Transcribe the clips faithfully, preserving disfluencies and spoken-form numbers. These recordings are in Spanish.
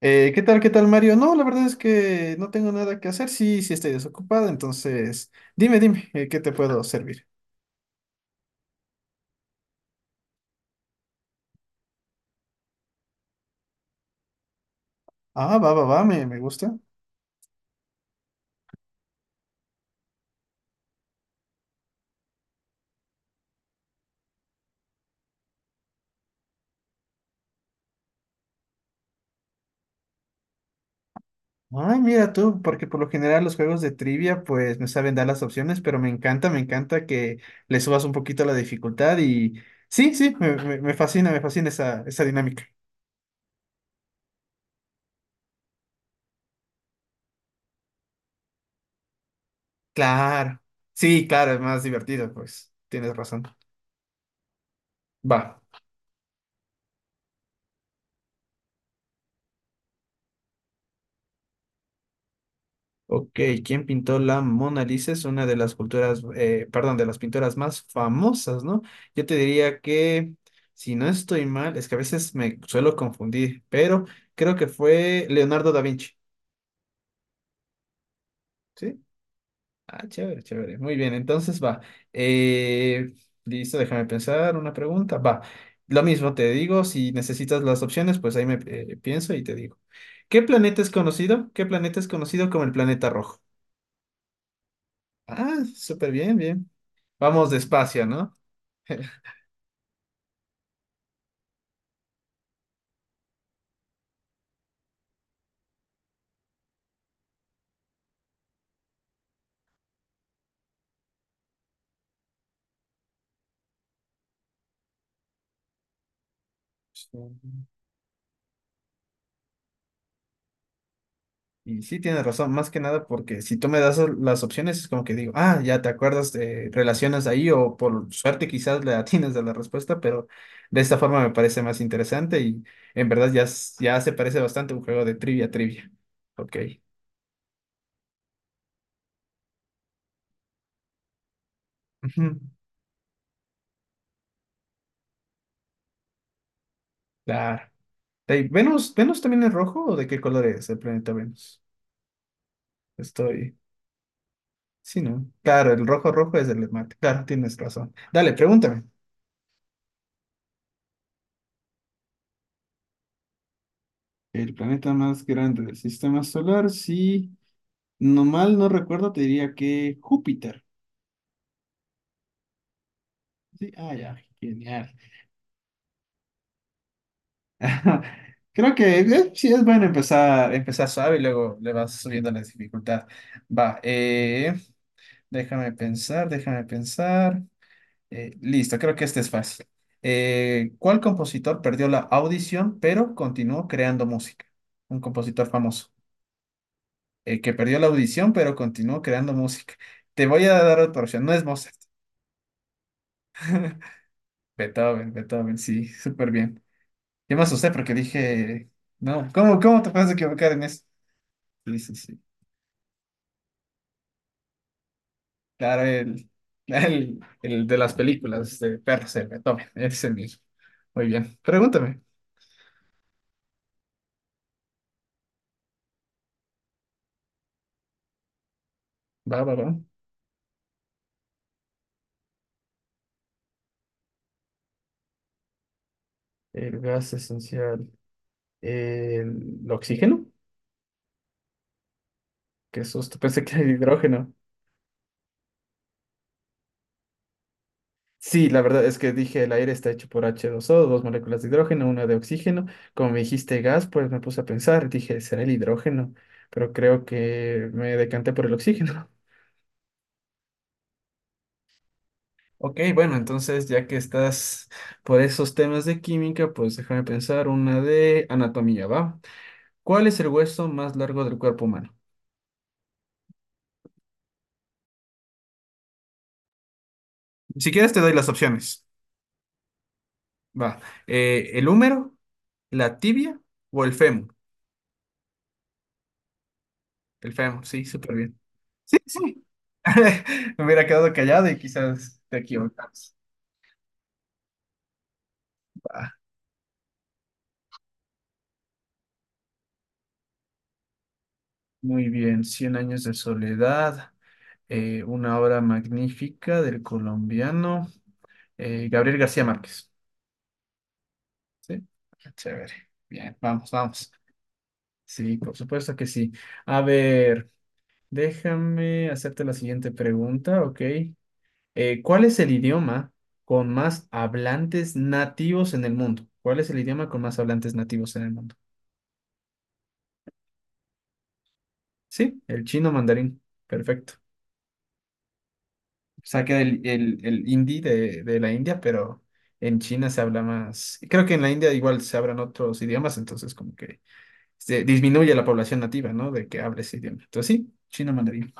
Eh, ¿qué tal, qué tal, Mario? No, la verdad es que no tengo nada que hacer. Sí, sí estoy desocupado, entonces dime, dime, eh, ¿qué te puedo servir? Ah, va, va, va, me, me gusta. Ay, mira tú, porque por lo general los juegos de trivia pues me saben dar las opciones, pero me encanta, me encanta que le subas un poquito la dificultad y sí, sí, me, me- me fascina, me fascina esa, esa dinámica. Claro, sí, claro, es más divertido, pues tienes razón. Va. Ok, ¿quién pintó la Mona Lisa? Es una de las culturas, eh, perdón, de las pinturas más famosas, ¿no? Yo te diría que, si no estoy mal, es que a veces me suelo confundir, pero creo que fue Leonardo da Vinci, ¿sí? Ah, chévere, chévere. Muy bien, entonces va. Eh, listo, déjame pensar una pregunta. Va, lo mismo te digo, si necesitas las opciones, pues ahí me eh, pienso y te digo. ¿Qué planeta es conocido? ¿Qué planeta es conocido como el planeta rojo? Ah, súper bien, bien. Vamos despacio, ¿no? Sí. Y sí, tienes razón, más que nada porque si tú me das las opciones es como que digo, ah, ya te acuerdas, eh, relacionas ahí o por suerte quizás le atinas a la respuesta, pero de esta forma me parece más interesante y en verdad ya, s- ya se parece bastante a un juego de trivia, trivia. Ok. Ujú, claro. Ey, ¿Venus, Venus también es rojo o de qué color es el planeta Venus? Estoy... Sí, ¿no? Claro, el rojo rojo es el mate. Claro, tienes razón. Dale, pregúntame. El planeta más grande del sistema solar, sí. No mal no recuerdo, te diría que Júpiter. Sí, ah, ya, genial. Creo que eh, sí es bueno empezar, empezar suave y luego le vas subiendo la dificultad. Va, eh, déjame pensar, déjame pensar. Eh, listo, creo que este es fácil. Eh, ¿cuál compositor perdió la audición pero continuó creando música? Un compositor famoso. eh, que perdió la audición, pero continuó creando música. Te voy a dar otra opción, no es Mozart. Beethoven, Beethoven, sí, súper bien. Yo me asusté porque dije, no, ¿cómo, cómo te puedes equivocar en eso? Sí, sí, sí. Claro, el, el, el de las películas de perros, el Beethoven, es el mismo. Muy bien, pregúntame. Va, va, va. El gas esencial, el oxígeno, que susto, pensé que era el hidrógeno. Sí, la verdad es que dije el aire está hecho por h dos o dos moléculas de hidrógeno, una de oxígeno. Como me dijiste gas, pues me puse a pensar, dije, será el hidrógeno, pero creo que me decanté por el oxígeno. Ok, bueno, entonces ya que estás por esos temas de química, pues déjame pensar una de anatomía, ¿va? ¿Cuál es el hueso más largo del cuerpo humano? Si quieres, te doy las opciones. Va, eh, ¿el húmero, la tibia o el fémur? El fémur, sí, súper bien. Sí, sí, me hubiera quedado callado y quizás te equivocas. Va, muy bien, Cien años de soledad, eh, una obra magnífica del colombiano eh, Gabriel García Márquez. ¿Sí? Chévere. Bien, vamos, vamos. Sí, por supuesto que sí. A ver, déjame hacerte la siguiente pregunta, ¿ok? Eh, ¿cuál es el idioma con más hablantes nativos en el mundo? ¿Cuál es el idioma con más hablantes nativos en el mundo? Sí, el chino mandarín. Perfecto. saqué del- el, el, hindi de, de la India, pero en China se habla más. Creo que en la India igual se hablan otros idiomas, entonces como que se disminuye la población nativa, ¿no? De que hable ese idioma. Entonces sí, chino mandarín.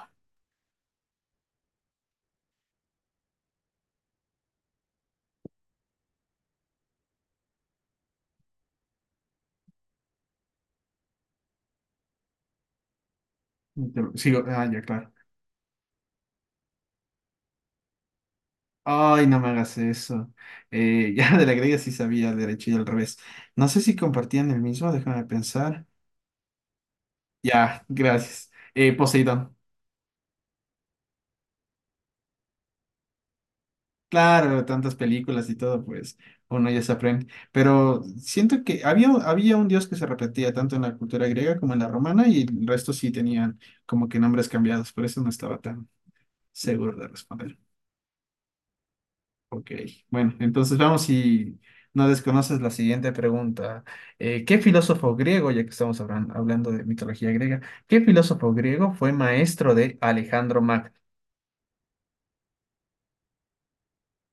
Pero sigo, ah, ya, claro. Ay, no me hagas eso. Eh, ya de la griega sí sabía el derecho y al revés. No sé si compartían el mismo, déjame pensar. Ya, gracias. Eh, Poseidón. Claro, tantas películas y todo, pues uno ya se aprende. Pero siento que había, había un dios que se repetía tanto en la cultura griega como en la romana y el resto sí tenían como que nombres cambiados, por eso no estaba tan seguro de responder. Ok, bueno, entonces vamos si no desconoces la siguiente pregunta. Eh, ¿qué filósofo griego, ya que estamos hablan- hablando de mitología griega, qué filósofo griego fue maestro de Alejandro Magno?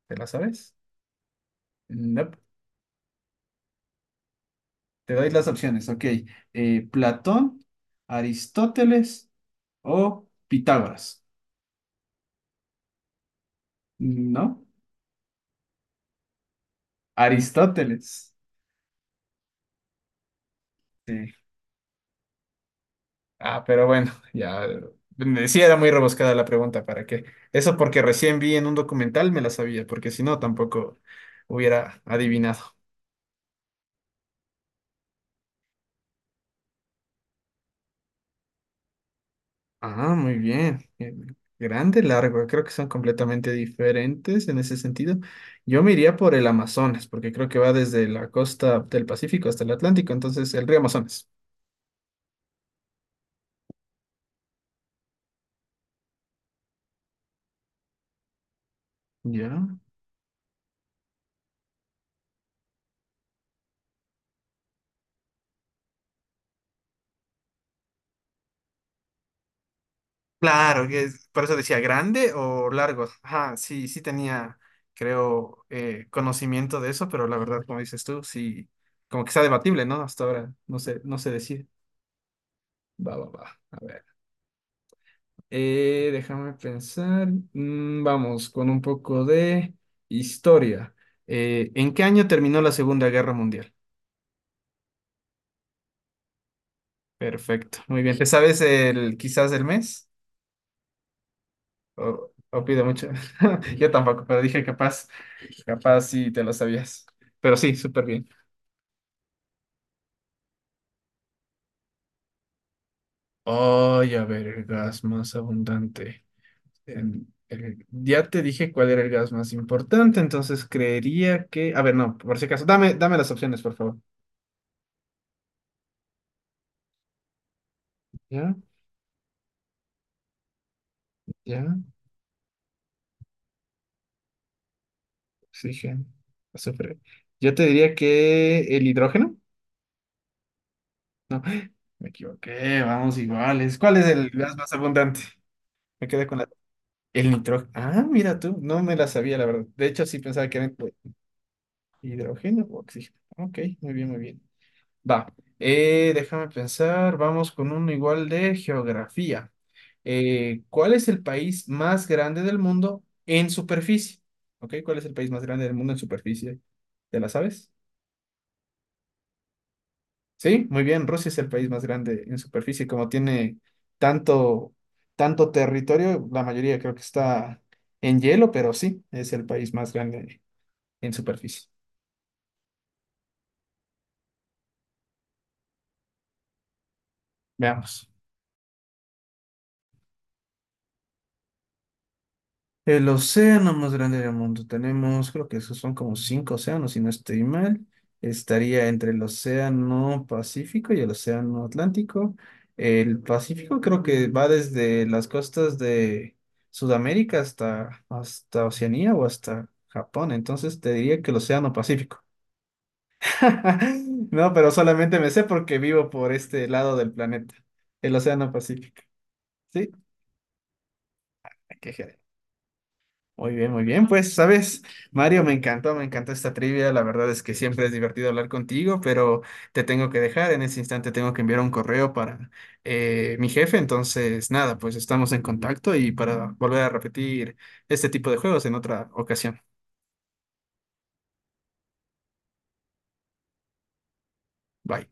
¿Te la sabes? No. Te doy las opciones, ok. Eh, Platón, Aristóteles o Pitágoras. ¿No? Aristóteles. Sí. Ah, pero bueno, ya. eh, Sí, era muy rebuscada la pregunta, ¿para qué? Eso porque recién vi en un documental, me la sabía, porque si no, tampoco hubiera adivinado. Ah, muy bien. Eh, Grande, largo. Creo que son completamente diferentes en ese sentido. Yo me iría por el Amazonas, porque creo que va desde la costa del Pacífico hasta el Atlántico, entonces el río Amazonas. Ya. Claro, que es- por eso decía grande o largo. Ajá, sí, sí tenía, creo, eh, conocimiento de eso, pero la verdad, como dices tú, sí, como que está debatible, ¿no? Hasta ahora no sé, no se decide. Va, va, va. A ver. Eh, déjame pensar. Mm, vamos con un poco de historia. Eh, ¿en qué año terminó la Segunda Guerra Mundial? Perfecto, muy bien. ¿Te sabes el quizás el mes? ¿O, o pido mucho? Yo tampoco, pero dije capaz, capaz sí te lo sabías. Pero sí, súper bien. Oye, a ver, el gas más abundante. El- el- ya te dije cuál era el gas más importante, entonces creería que... A ver, no, por si acaso, dame, dame las opciones, por favor. ¿Ya? ¿Ya? Oxígeno, azufre. Yo te diría que el hidrógeno. No, me equivoqué, vamos iguales. ¿Cuál es el gas más abundante? Me quedé con la... El nitrógeno. Ah, mira tú, no me la sabía, la verdad. De hecho, sí pensaba que era entre hidrógeno o oxígeno. Ok, muy bien, muy bien. Va, eh, déjame pensar, vamos con uno igual de geografía. Eh, ¿cuál es el país más grande del mundo en superficie? Ok, ¿cuál es el país más grande del mundo en superficie? ¿Te la sabes? Sí, muy bien. Rusia es el país más grande en superficie, como tiene tanto, tanto territorio, la mayoría creo que está en hielo, pero sí, es el país más grande en superficie. Veamos. El océano más grande del mundo. Tenemos, creo que esos son como cinco océanos, si no estoy mal. Estaría entre el océano Pacífico y el océano Atlántico. El Pacífico creo que va desde las costas de Sudamérica hasta, hasta Oceanía o hasta Japón. Entonces te diría que el océano Pacífico. No, pero solamente me sé porque vivo por este lado del planeta, el océano Pacífico. Sí, qué muy bien, muy bien. Pues, sabes, Mario, me encantó, me encantó esta trivia. La verdad es que siempre es divertido hablar contigo, pero te tengo que dejar. En ese instante tengo que enviar un correo para eh, mi jefe. Entonces, nada, pues estamos en contacto y para volver a repetir este tipo de juegos en otra ocasión. Bye.